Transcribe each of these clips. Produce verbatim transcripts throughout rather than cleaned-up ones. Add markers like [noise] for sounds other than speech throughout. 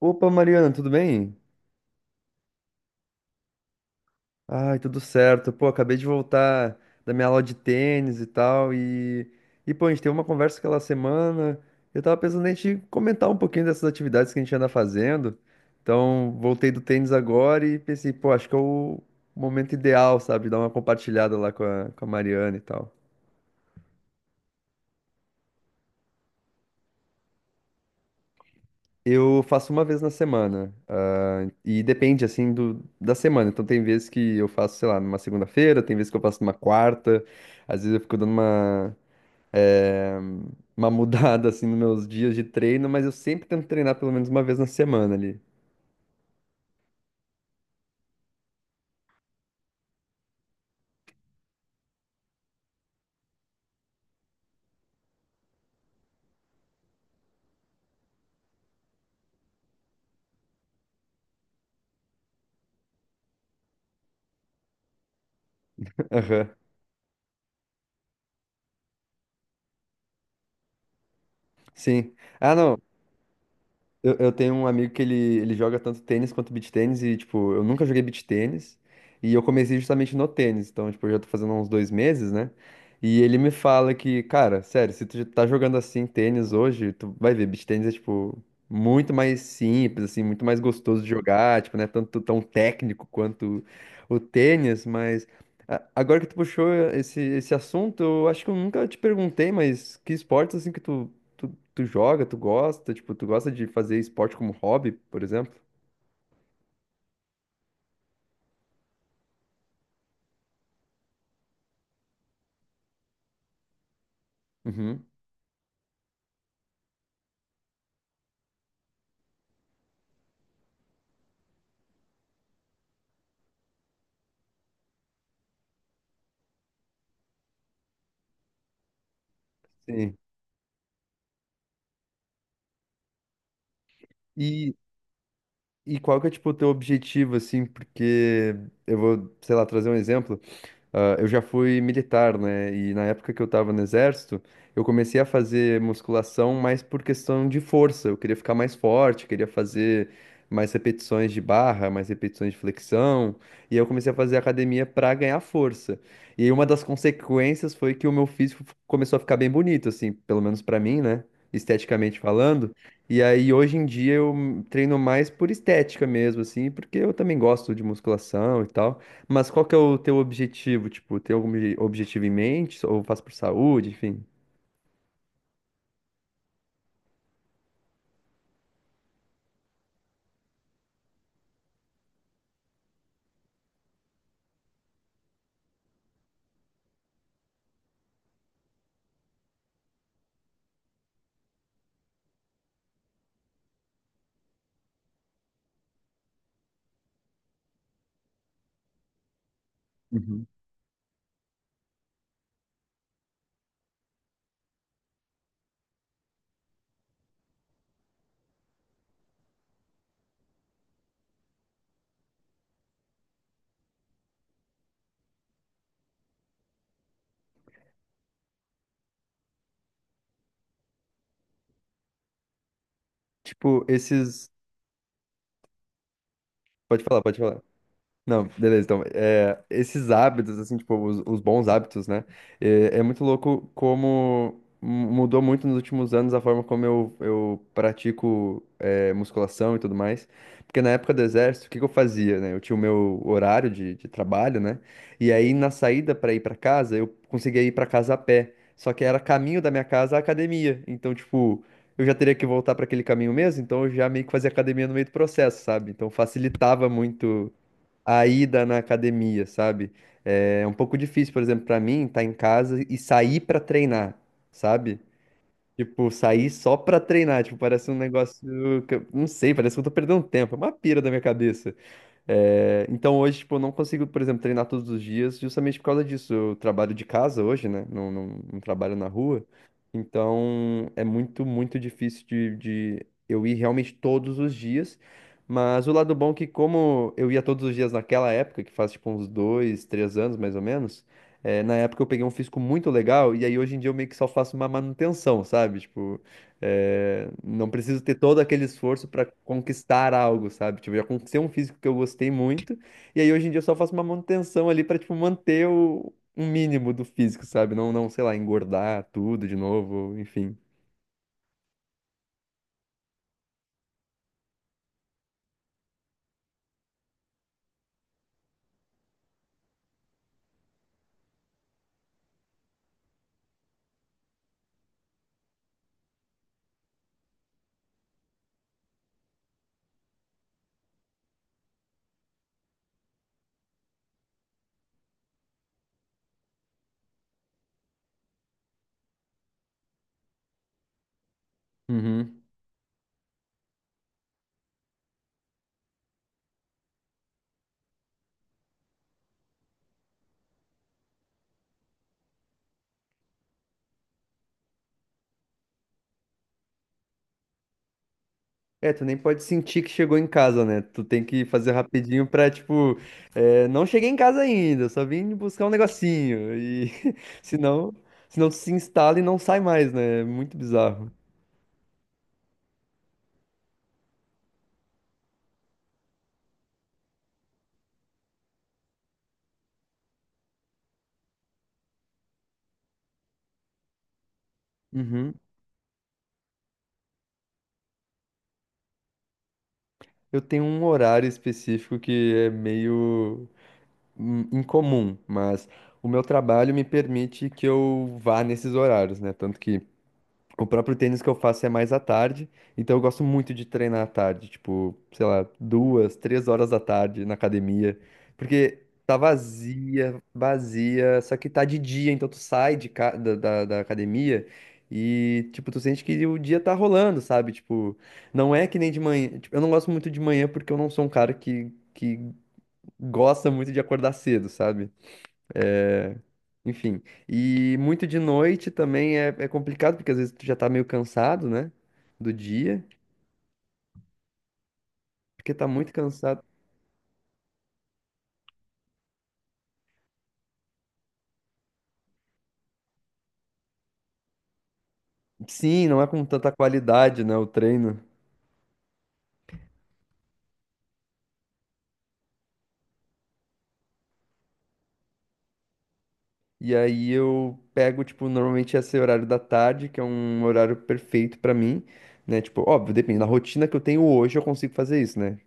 Opa, Mariana, tudo bem? Ai, tudo certo. Pô, acabei de voltar da minha aula de tênis e tal. E, e pô, a gente teve uma conversa aquela semana. Eu tava pensando em te comentar um pouquinho dessas atividades que a gente anda fazendo. Então, voltei do tênis agora e pensei, pô, acho que é o momento ideal, sabe? Dar uma compartilhada lá com a, com a Mariana e tal. Eu faço uma vez na semana, ah, e depende, assim, do, da semana. Então, tem vezes que eu faço, sei lá, numa segunda-feira, tem vezes que eu faço numa quarta. Às vezes eu fico dando uma, eh, uma [laughs] mudada, assim, nos meus dias de treino, mas eu sempre tento treinar pelo menos uma vez na semana ali. Aham. Sim. Ah, não, Eu, eu tenho um amigo que ele, ele joga tanto tênis quanto beach tênis e, tipo, eu nunca joguei beach tênis e eu comecei justamente no tênis, então, tipo, eu já tô fazendo há uns dois meses, né? E ele me fala que, cara, sério, se tu já tá jogando assim tênis hoje, tu vai ver, beach tênis é, tipo, muito mais simples, assim, muito mais gostoso de jogar, tipo, né? Tanto tão técnico quanto o tênis, mas a- agora que tu puxou esse, esse assunto, eu acho que eu nunca te perguntei, mas que esportes, assim, que tu. Tu joga, tu gosta, tipo, tu gosta de fazer esporte como hobby, por exemplo? Uhum. Sim. E, e qual que é, tipo, o teu objetivo, assim, porque eu vou, sei lá, trazer um exemplo. Ah, eu já fui militar, né? E na época que eu tava no exército, eu comecei a fazer musculação mais por questão de força. Eu queria ficar mais forte, queria fazer mais repetições de barra, mais repetições de flexão. E aí eu comecei a fazer academia pra ganhar força. E aí uma das consequências foi que o meu físico f- começou a ficar bem bonito, assim, pelo menos pra mim, né? Esteticamente falando. E aí hoje em dia eu treino mais por estética mesmo, assim, porque eu também gosto de musculação e tal. Mas qual que é o teu objetivo? Tipo, tem algum obje- objetivo em mente? Ou faz por saúde, enfim? Uhum. Tipo, esses. Pode falar, pode falar. Não, beleza. Então, é, esses hábitos, assim, tipo, os, os bons hábitos, né? É, é muito louco como mu- mudou muito nos últimos anos a forma como eu, eu pratico é, musculação e tudo mais. Porque na época do exército, o que que eu fazia, né? Eu tinha o meu horário de, de trabalho, né? E aí, na saída para ir para casa, eu conseguia ir para casa a pé. Só que era caminho da minha casa à academia. Então, tipo, eu já teria que voltar para aquele caminho mesmo, então eu já meio que fazia academia no meio do processo, sabe? Então facilitava muito a ida na academia, sabe? É um pouco difícil, por exemplo, pra mim, estar em casa e sair pra treinar, sabe? Tipo, sair só pra treinar, tipo, parece um negócio que eu não sei, parece que eu tô perdendo tempo, é uma pira da minha cabeça. É, então hoje, tipo, eu não consigo, por exemplo, treinar todos os dias justamente por causa disso. Eu trabalho de casa hoje, né? Não, não, não trabalho na rua. Então é muito, muito difícil de, de eu ir realmente todos os dias. Mas o lado bom é que como eu ia todos os dias naquela época, que faz tipo uns dois, três anos mais ou menos, é, na época eu peguei um físico muito legal e aí hoje em dia eu meio que só faço uma manutenção, sabe? Tipo, é, não preciso ter todo aquele esforço para conquistar algo, sabe? Tipo, eu já conquistei um físico que eu gostei muito, e aí hoje em dia eu só faço uma manutenção ali para tipo manter o um mínimo do físico, sabe? Não, não, sei lá, engordar tudo de novo, enfim. Uhum. É, tu nem pode sentir que chegou em casa, né? Tu tem que fazer rapidinho pra, tipo, é, não cheguei em casa ainda, só vim buscar um negocinho. E [laughs] senão, senão tu se instala e não sai mais, né? É muito bizarro. Uhum. Eu tenho um horário específico que é meio in- incomum, mas o meu trabalho me permite que eu vá nesses horários, né? Tanto que o próprio tênis que eu faço é mais à tarde, então eu gosto muito de treinar à tarde, tipo, sei lá, duas, três horas da tarde na academia, porque tá vazia, vazia, só que tá de dia, então tu sai de ca- da, da, da academia e, tipo, tu sente que o dia tá rolando, sabe? Tipo, não é que nem de manhã, tipo, eu não gosto muito de manhã porque eu não sou um cara que, que gosta muito de acordar cedo, sabe? É, enfim. E muito de noite também é, é complicado, porque às vezes tu já tá meio cansado, né? Do dia, porque tá muito cansado. Sim, não é com tanta qualidade, né? O treino. E aí eu pego, tipo, normalmente esse horário da tarde, que é um horário perfeito pra mim, né? Tipo, óbvio, depende da rotina que eu tenho hoje, eu consigo fazer isso, né?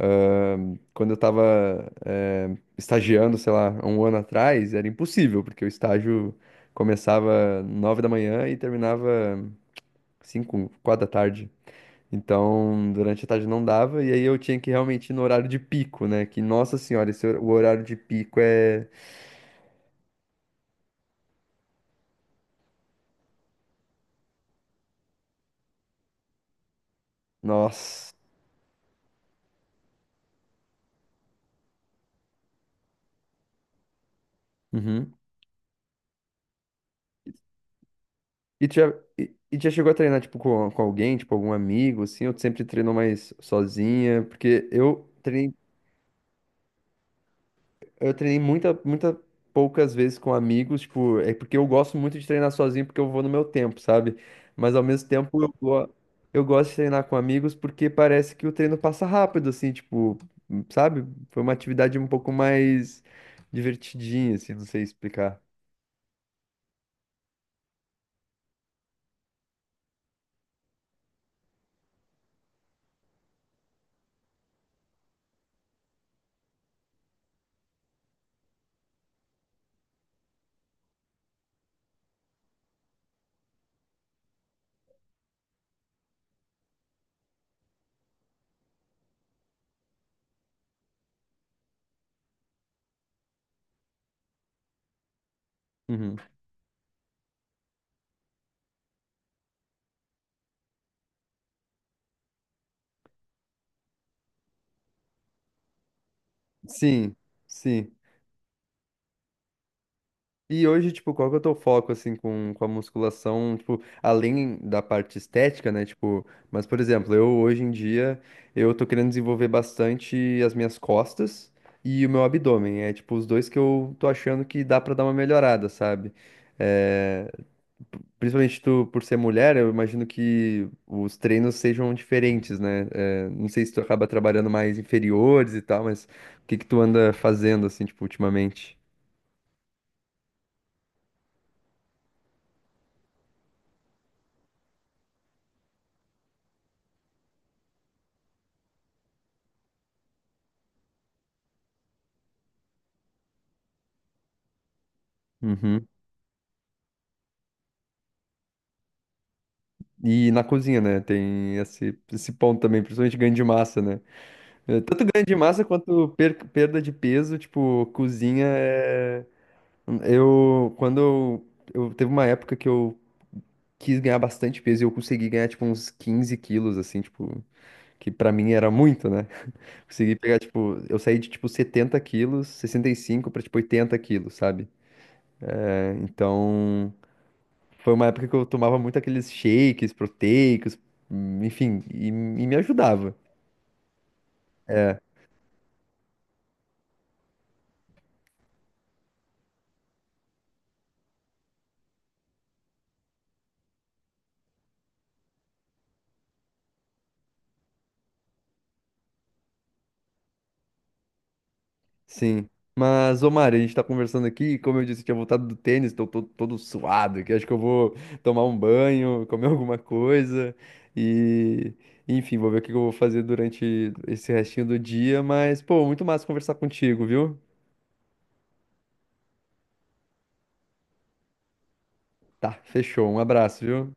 Ahn, quando eu tava, eh, estagiando, sei lá, há um ano atrás, era impossível, porque o estágio começava nove da manhã e terminava cinco, quatro da tarde. Então, durante a tarde não dava, e aí eu tinha que realmente ir no horário de pico, né? Que, nossa senhora, esse, hor- o horário de pico é... Nossa. Uhum. E tu já, e, e tu já chegou a treinar, tipo, com, com alguém, tipo, algum amigo, assim, ou tu sempre treinou mais sozinha? Porque eu treinei, eu treinei muita, muita poucas vezes com amigos, tipo, é porque eu gosto muito de treinar sozinho, porque eu vou no meu tempo, sabe? Mas ao mesmo tempo eu, go- eu gosto de treinar com amigos porque parece que o treino passa rápido, assim, tipo, sabe? Foi uma atividade um pouco mais divertidinha, assim, não sei explicar. Uhum. Sim, sim. E hoje, tipo, qual que é o teu foco, assim, com, com a musculação, tipo, além da parte estética, né, tipo, mas, por exemplo, eu, hoje em dia, eu tô querendo desenvolver bastante as minhas costas e o meu abdômen, é, tipo, os dois que eu tô achando que dá pra dar uma melhorada, sabe? É, principalmente tu, por ser mulher, eu imagino que os treinos sejam diferentes, né? É, não sei se tu acaba trabalhando mais inferiores e tal, mas o que que tu anda fazendo, assim, tipo, ultimamente? Uhum. E na cozinha, né? Tem esse, esse ponto também, principalmente ganho de massa, né? É, tanto ganho de massa quanto per- perda de peso, tipo, cozinha é. Eu. Quando eu, eu. Teve uma época que eu quis ganhar bastante peso e eu consegui ganhar, tipo, uns quinze quilos, assim, tipo. Que pra mim era muito, né? Consegui pegar, tipo. Eu saí de, tipo, setenta quilos, sessenta e cinco pra, tipo, oitenta quilos, sabe? É, então. Foi uma época que eu tomava muito aqueles shakes proteicos, hum, enfim, e e me ajudava. Sim. Mas, ô Mari, a gente tá conversando aqui, e como eu disse, eu tinha voltado do tênis, tô todo, todo suado aqui. Acho que eu vou tomar um banho, [laughs] comer alguma coisa e, enfim, vou ver o que que eu vou fazer durante esse restinho do dia. Mas, pô, muito massa conversar contigo, viu? Tá, fechou. Um abraço, viu?